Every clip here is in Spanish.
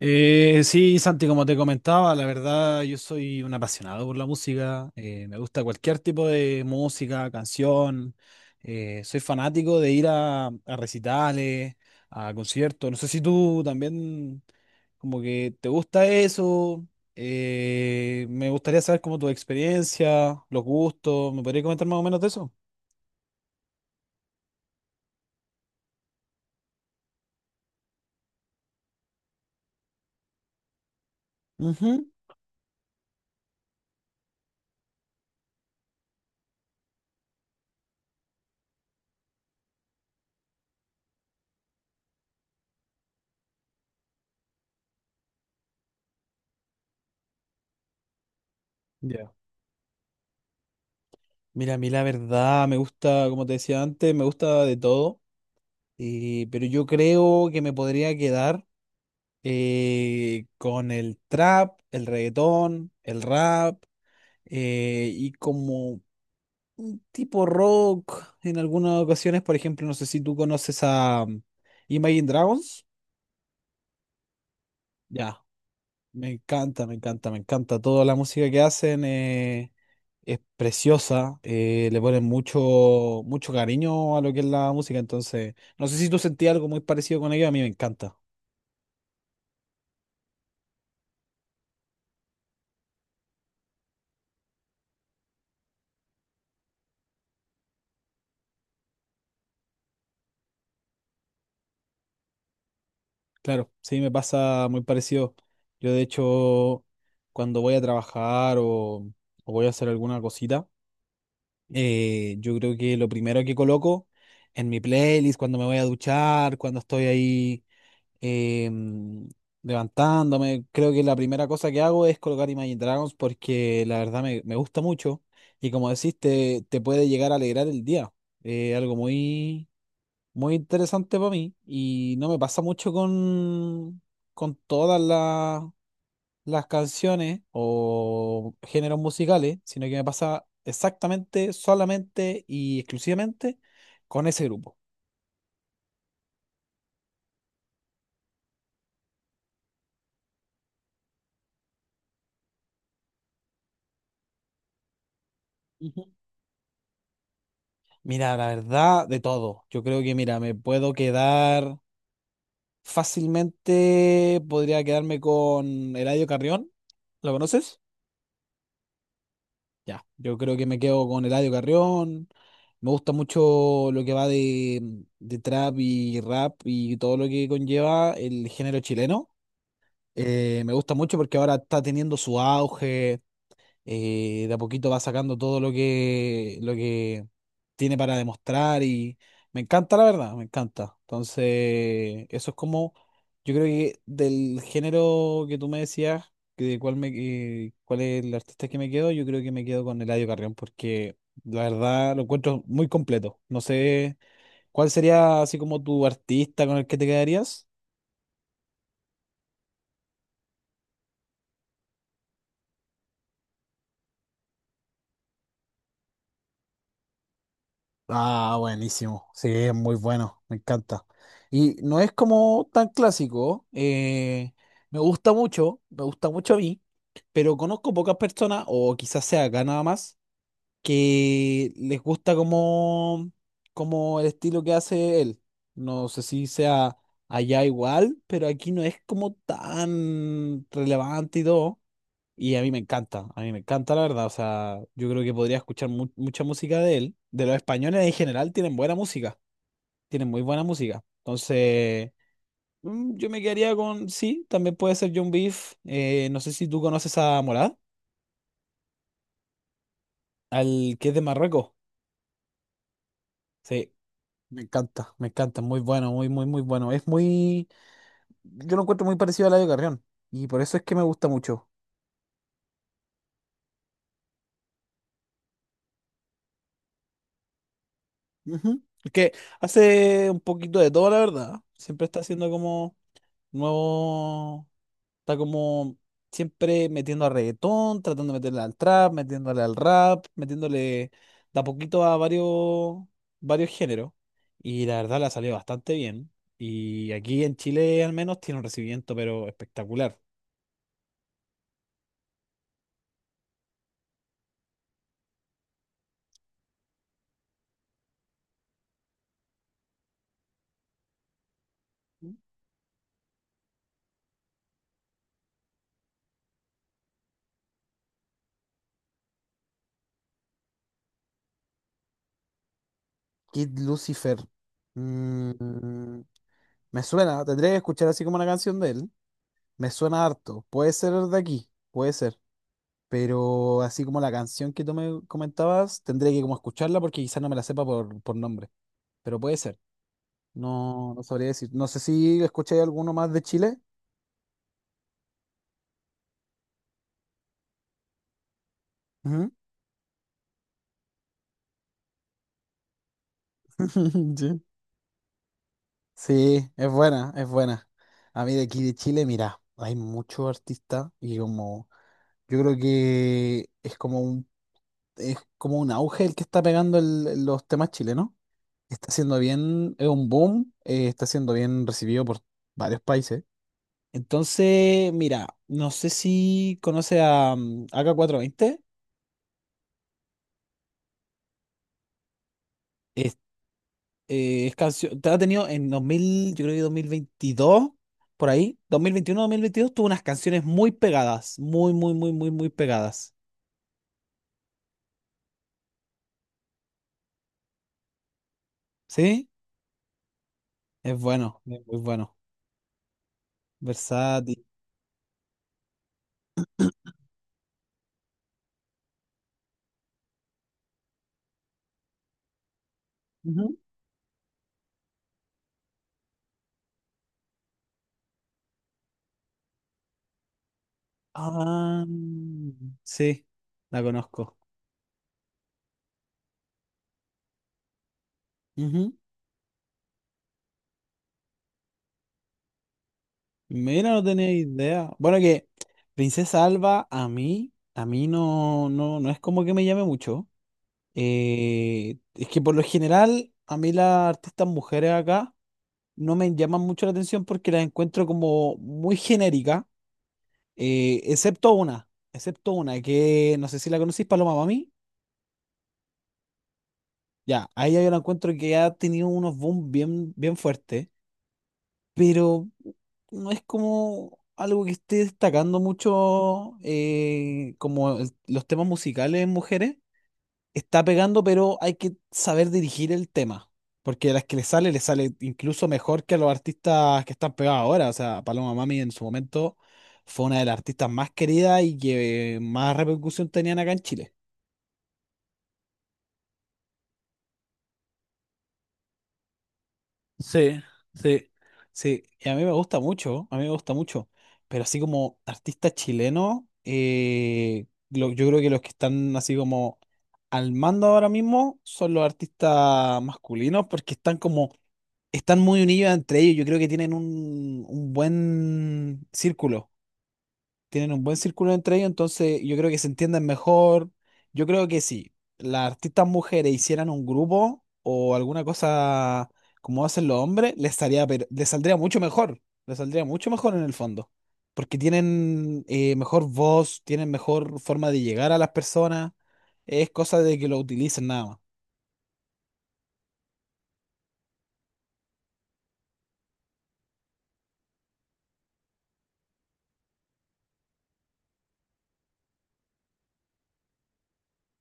Sí, Santi, como te comentaba, la verdad yo soy un apasionado por la música, me gusta cualquier tipo de música, canción, soy fanático de ir a recitales, a conciertos, no sé si tú también como que te gusta eso, me gustaría saber como tu experiencia, los gustos, ¿me podrías comentar más o menos de eso? Ujú. Ya. Mira, a mí la verdad me gusta, como te decía antes, me gusta de todo. Pero yo creo que me podría quedar, con el trap, el reggaetón, el rap, y como tipo rock en algunas ocasiones. Por ejemplo, no sé si tú conoces a Imagine Dragons. Ya, me encanta, me encanta, me encanta. Toda la música que hacen, es preciosa. Le ponen mucho, mucho cariño a lo que es la música. Entonces, no sé si tú sentías algo muy parecido con ellos. A mí me encanta. Claro, sí, me pasa muy parecido. Yo de hecho, cuando voy a trabajar o voy a hacer alguna cosita, yo creo que lo primero que coloco en mi playlist, cuando me voy a duchar, cuando estoy ahí, eh, mm, levantándome, creo que la primera cosa que hago es colocar Imagine Dragons porque la verdad me gusta mucho y como decís, te puede llegar a alegrar el día. Algo muy muy interesante para mí y no me pasa mucho con todas las canciones o géneros musicales, sino que me pasa exactamente, solamente y exclusivamente con ese grupo. Ujú. Mira, la verdad, de todo. Yo creo que, mira, me puedo quedar fácilmente, podría quedarme con Eladio Carrión. ¿Lo conoces? Ya, yo creo que me quedo con Eladio Carrión. Me gusta mucho lo que va de trap y rap y todo lo que conlleva el género chileno. Me gusta mucho porque ahora está teniendo su auge, de a poquito va sacando todo lo que tiene para demostrar y me encanta, la verdad, me encanta. Entonces, eso es como, yo creo que del género que tú me decías, que de cuál me, cuál es el artista que me quedo, yo creo que me quedo con Eladio Carrión porque la verdad lo encuentro muy completo. No sé, ¿cuál sería así como tu artista con el que te quedarías? Ah, buenísimo. Sí, es muy bueno, me encanta. Y no es como tan clásico, me gusta mucho a mí, pero conozco pocas personas, o quizás sea acá nada más, que les gusta como el estilo que hace él. No sé si sea allá igual, pero aquí no es como tan relevante y todo. Y a mí me encanta, a mí me encanta la verdad. O sea, yo creo que podría escuchar mucha música de él. De los españoles en general tienen buena música, tienen muy buena música. Entonces, yo me quedaría con, sí, también puede ser John Beef. No sé si tú conoces a Morad, al que es de Marruecos. Sí, me encanta, muy bueno, muy, muy, muy bueno. Yo lo encuentro muy parecido a Eladio Carrión y por eso es que me gusta mucho. Ujú. Es que hace un poquito de todo, la verdad. Siempre está haciendo como nuevo. Está como siempre metiendo a reggaetón, tratando de meterle al trap, metiéndole al rap, metiéndole de a poquito a varios géneros. Y la verdad le ha salido bastante bien. Y aquí en Chile al menos tiene un recibimiento, pero espectacular. Kid Lucifer. Mm, Me suena, tendría que escuchar así como una canción de él. Me suena harto. Puede ser de aquí, puede ser. Pero así como la canción que tú me comentabas, tendría que como escucharla porque quizás no me la sepa por nombre. Pero puede ser. No, no sabría decir. No sé si escuché alguno más de Chile. Ujú. Sí. Sí, es buena, es buena. A mí de aquí de Chile, mira, hay muchos artistas y como yo creo que es como un auge el que está pegando los temas chilenos. Está siendo bien, es un boom, está siendo bien recibido por varios países. Entonces, mira, no sé si conoce a AK420. Es canción, te ha tenido en 2000 yo creo que 2022 por ahí, dos mil veintiuno, 2022 tuvo unas canciones muy pegadas, muy, muy, muy, muy, muy pegadas. ¿Sí? Es bueno, es muy bueno. Versátil. Ujú. Ah, sí, la conozco. Ujú. Mira, no tenía idea. Bueno, que Princesa Alba a mí no, no, no es como que me llame mucho. Es que por lo general, a mí las artistas mujeres acá no me llaman mucho la atención porque las encuentro como muy genéricas, eh, excepto una, excepto una que no sé si la conocís, Paloma Mami. Ya, a ella yo la encuentro que ha tenido unos boom bien, bien fuertes, pero no es como algo que esté destacando mucho, como los temas musicales en mujeres. Está pegando, pero hay que saber dirigir el tema. Porque a las que le sale incluso mejor que a los artistas que están pegados ahora. O sea, Paloma Mami en su momento fue una de las artistas más queridas y que más repercusión tenían acá en Chile. Sí, sí. Sí, y a mí me gusta mucho, a mí me gusta mucho. Pero así como artista chileno, yo creo que los que están así como al mando ahora mismo son los artistas masculinos porque están como están muy unidos entre ellos. Yo creo que tienen un buen círculo. Tienen un buen círculo entre ellos, entonces yo creo que se entienden mejor. Yo creo que si las artistas mujeres hicieran un grupo o alguna cosa como hacen los hombres, les estaría, les saldría mucho mejor. Les saldría mucho mejor en el fondo. Porque tienen mejor voz, tienen mejor forma de llegar a las personas. Es cosa de que lo utilicen nada más.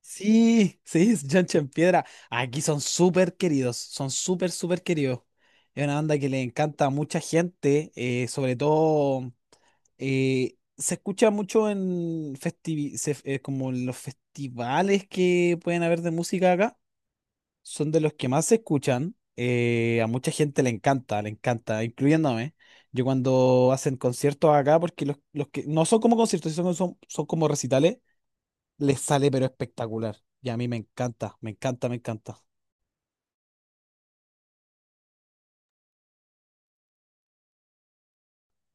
Sí, sí, es Johnson Piedra. Aquí son súper queridos, son súper, súper queridos. Es una banda que le encanta a mucha gente, sobre todo, se escucha mucho en como en los festivales que pueden haber de música acá. Son de los que más se escuchan. A mucha gente le encanta, incluyéndome. Yo cuando hacen conciertos acá, porque los que no son como conciertos, son como recitales les sale pero espectacular. Y a mí me encanta, me encanta, me encanta.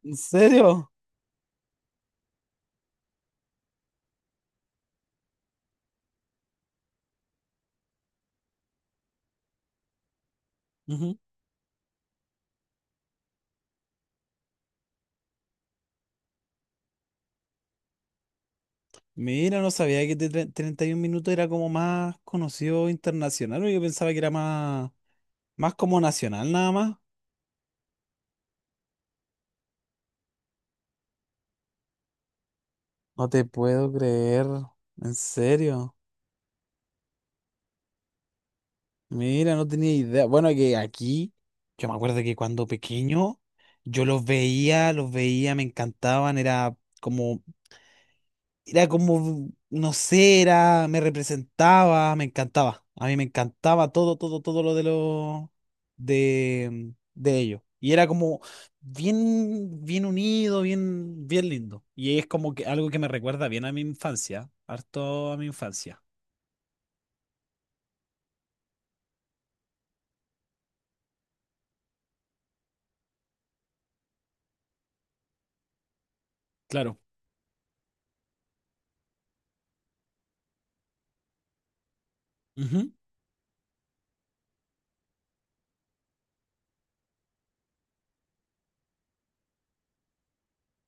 ¿En serio? Ujú. Mira, no sabía que 31 minutos era como más conocido internacional, o yo pensaba que era más como nacional nada más. No te puedo creer, en serio. Mira, no tenía idea. Bueno, que aquí, yo me acuerdo que cuando pequeño, yo los veía, me encantaban, era como, no sé, era, me representaba, me encantaba. A mí me encantaba todo, todo, todo de ellos. Y era como bien, bien unido, bien, bien lindo. Y es como que algo que me recuerda bien a mi infancia, harto a mi infancia. Claro. Ujú.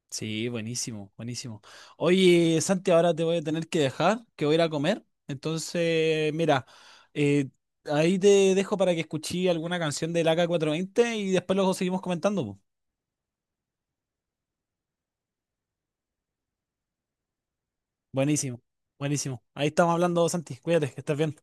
Sí, buenísimo, buenísimo. Oye, Santi, ahora te voy a tener que dejar, que voy a ir a comer. Entonces, mira, eh, ahí te dejo para que escuché alguna canción del ak veinte y después luego seguimos comentando. Po. Buenísimo, buenísimo. Ahí estamos hablando, Santi. Cuídate, que estés bien.